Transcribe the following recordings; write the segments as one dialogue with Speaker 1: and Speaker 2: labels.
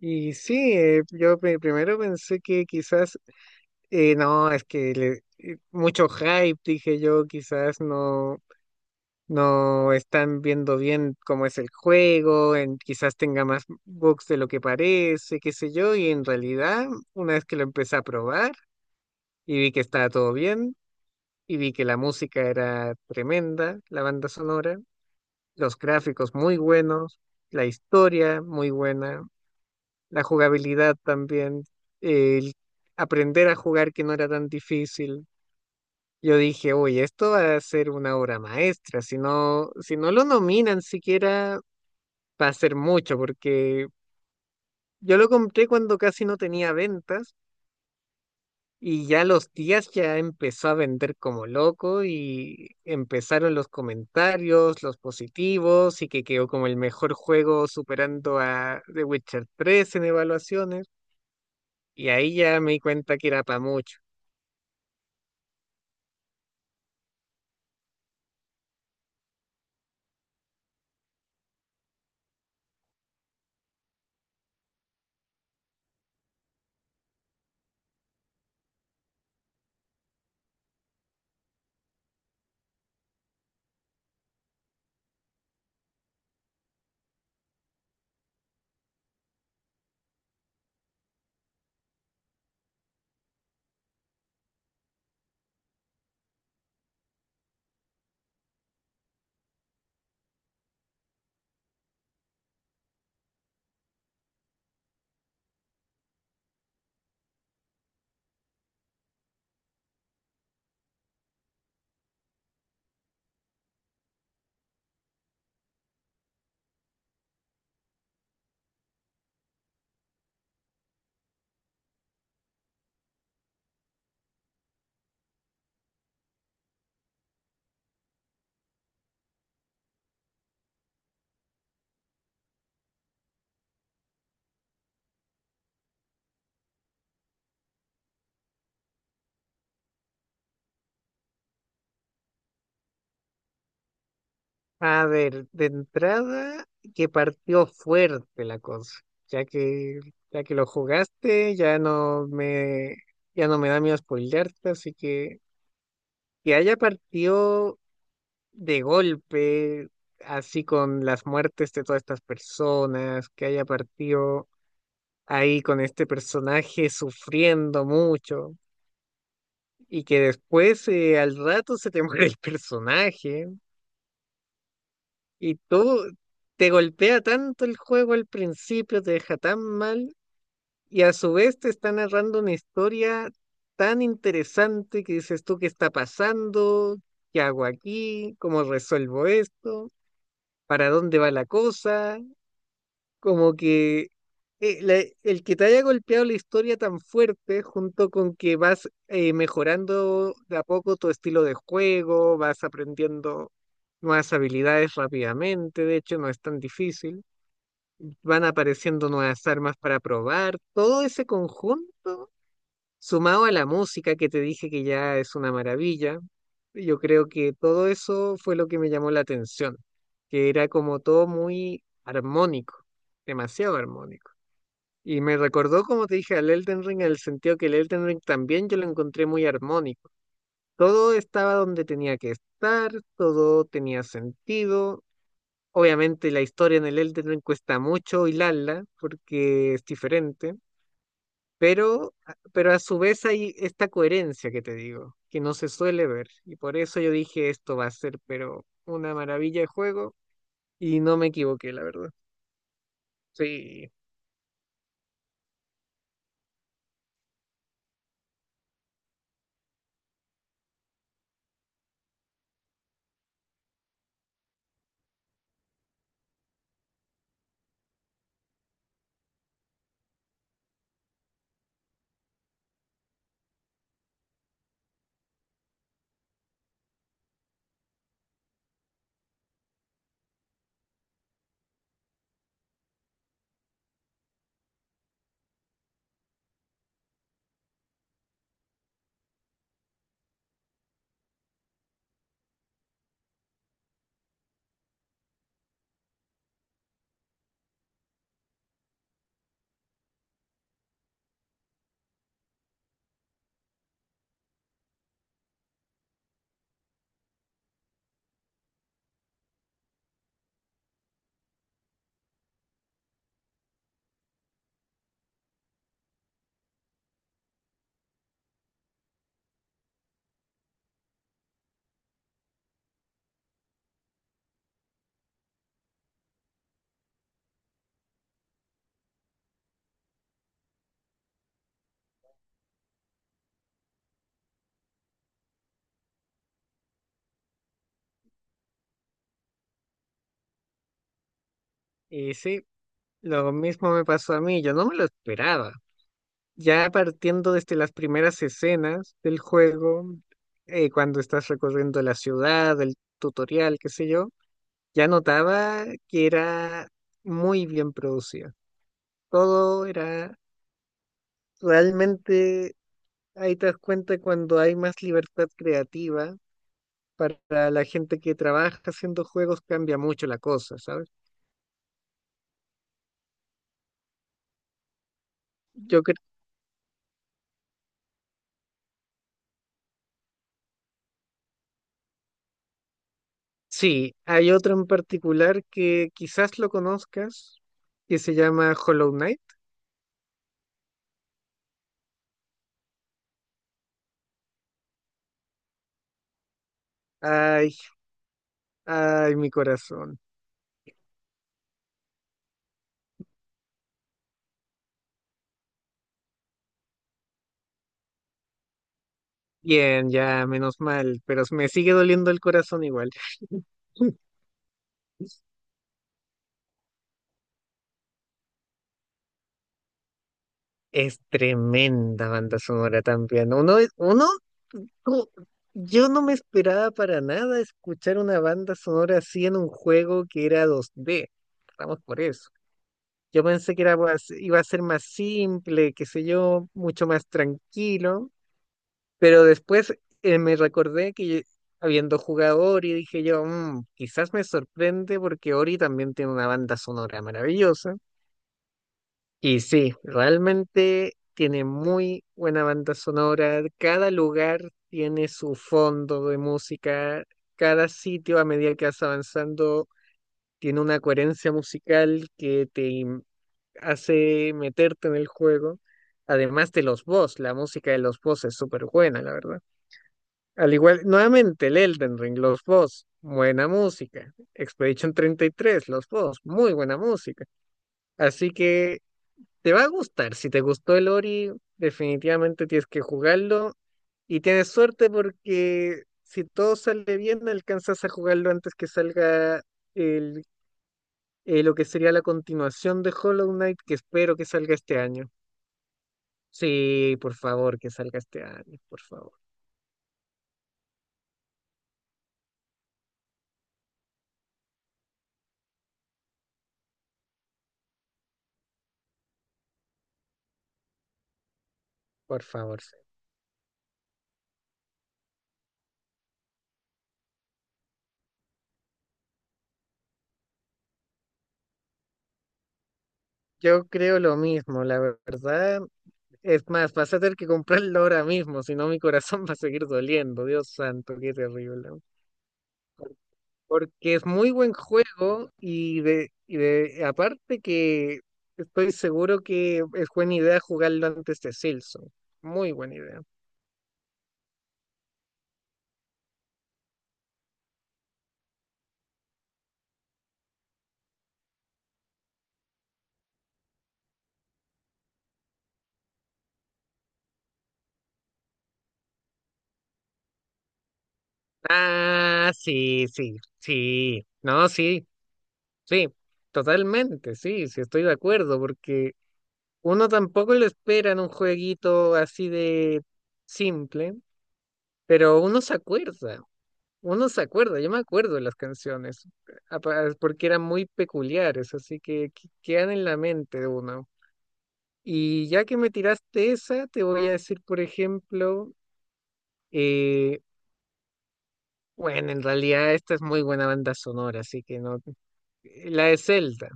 Speaker 1: Y sí, primero pensé que quizás, no, mucho hype, dije yo, quizás no, no están viendo bien cómo es el juego, en, quizás tenga más bugs de lo que parece, qué sé yo, y en realidad, una vez que lo empecé a probar y vi que estaba todo bien, y vi que la música era tremenda, la banda sonora, los gráficos muy buenos, la historia muy buena, la jugabilidad también, el aprender a jugar que no era tan difícil. Yo dije, oye, esto va a ser una obra maestra, si no, si no lo nominan siquiera va a ser mucho, porque yo lo compré cuando casi no tenía ventas y ya a los días ya empezó a vender como loco y empezaron los comentarios, los positivos y que quedó como el mejor juego superando a The Witcher 3 en evaluaciones. Y ahí ya me di cuenta que era para mucho. A ver, de entrada que partió fuerte la cosa, ya que ya que lo jugaste, ya no me da miedo spoilearte, así que haya partido de golpe, así con las muertes de todas estas personas, que haya partido ahí con este personaje sufriendo mucho y que después, al rato se te muere el personaje. Y todo te golpea tanto el juego al principio, te deja tan mal, y a su vez te está narrando una historia tan interesante que dices tú qué está pasando, qué hago aquí, cómo resuelvo esto, para dónde va la cosa, como que el que te haya golpeado la historia tan fuerte, junto con que vas mejorando de a poco tu estilo de juego, vas aprendiendo nuevas habilidades rápidamente, de hecho no es tan difícil, van apareciendo nuevas armas para probar, todo ese conjunto, sumado a la música que te dije que ya es una maravilla, yo creo que todo eso fue lo que me llamó la atención, que era como todo muy armónico, demasiado armónico. Y me recordó, como te dije, al Elden Ring, en el sentido que el Elden Ring también yo lo encontré muy armónico. Todo estaba donde tenía que estar, todo tenía sentido. Obviamente la historia en el Elden Ring cuesta mucho hilarla porque es diferente, pero, pero a su vez hay esta coherencia que te digo, que no se suele ver. Y por eso yo dije, esto va a ser, pero una maravilla de juego, y no me equivoqué, la verdad. Sí, y sí, lo mismo me pasó a mí, yo no me lo esperaba. Ya partiendo desde las primeras escenas del juego, cuando estás recorriendo la ciudad, el tutorial, qué sé yo, ya notaba que era muy bien producida. Todo era realmente, ahí te das cuenta cuando hay más libertad creativa para la gente que trabaja haciendo juegos cambia mucho la cosa, ¿sabes? Yo creo, sí, hay otro en particular que quizás lo conozcas, que se llama Hollow Knight. Hay Ay, mi corazón. Bien, ya, menos mal, pero me sigue doliendo el corazón igual. Es tremenda banda sonora también. Uno, co- yo no me esperaba para nada escuchar una banda sonora así en un juego que era 2D. Vamos por eso. Yo pensé que era, pues, iba a ser más simple, qué sé yo, mucho más tranquilo. Pero después, me recordé que, habiendo jugado Ori, dije yo, "Mm, quizás me sorprende porque Ori también tiene una banda sonora maravillosa". Y sí, realmente tiene muy buena banda sonora. Cada lugar tiene su fondo de música. Cada sitio, a medida que vas avanzando, tiene una coherencia musical que hace meterte en el juego. Además de los boss, la música de los boss es súper buena, la verdad. Al igual, nuevamente el Elden Ring, los boss, buena música. Expedition 33, los boss, muy buena música. Así que te va a gustar. Si te gustó el Ori, definitivamente tienes que jugarlo. Y tienes suerte porque si todo sale bien, alcanzas a jugarlo antes que salga el, lo que sería la continuación de Hollow Knight, que espero que salga este año. Sí, por favor, que salga este año, por favor, por favor. Sí. Yo creo lo mismo, la verdad. Es más, vas a tener que comprarlo ahora mismo, si no mi corazón va a seguir doliendo. Dios santo, qué terrible. Porque es muy buen juego y de aparte que estoy seguro que es buena idea jugarlo antes de Silson. Muy buena idea. Ah, sí, sí, sí. No, sí, sí. Totalmente, sí, sí, estoy de acuerdo, porque uno tampoco lo espera en un jueguito así de simple, pero uno se acuerda. Uno se acuerda, yo me acuerdo de las canciones, porque eran muy peculiares, así que quedan en la mente de uno. Y ya que me tiraste esa, te voy a decir, por ejemplo, eh, bueno, en realidad esta es muy buena banda sonora, así que no. La de Zelda,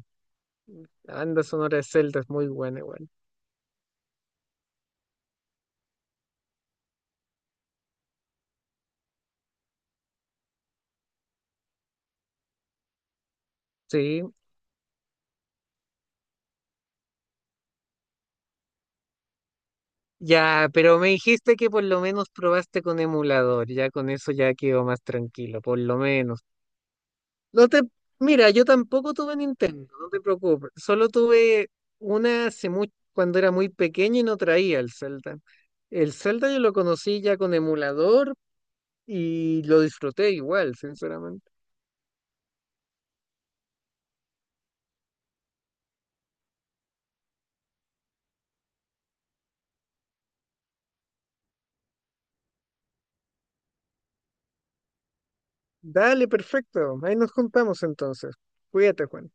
Speaker 1: la banda sonora de Zelda es muy buena igual. Sí, ya, pero me dijiste que por lo menos probaste con emulador, ya con eso ya quedo más tranquilo, por lo menos. No te, mira, yo tampoco tuve Nintendo, no te preocupes. Solo tuve una hace mucho, cuando era muy pequeño y no traía el Zelda. El Zelda yo lo conocí ya con emulador y lo disfruté igual, sinceramente. Dale, perfecto. Ahí nos juntamos entonces. Cuídate, Juan.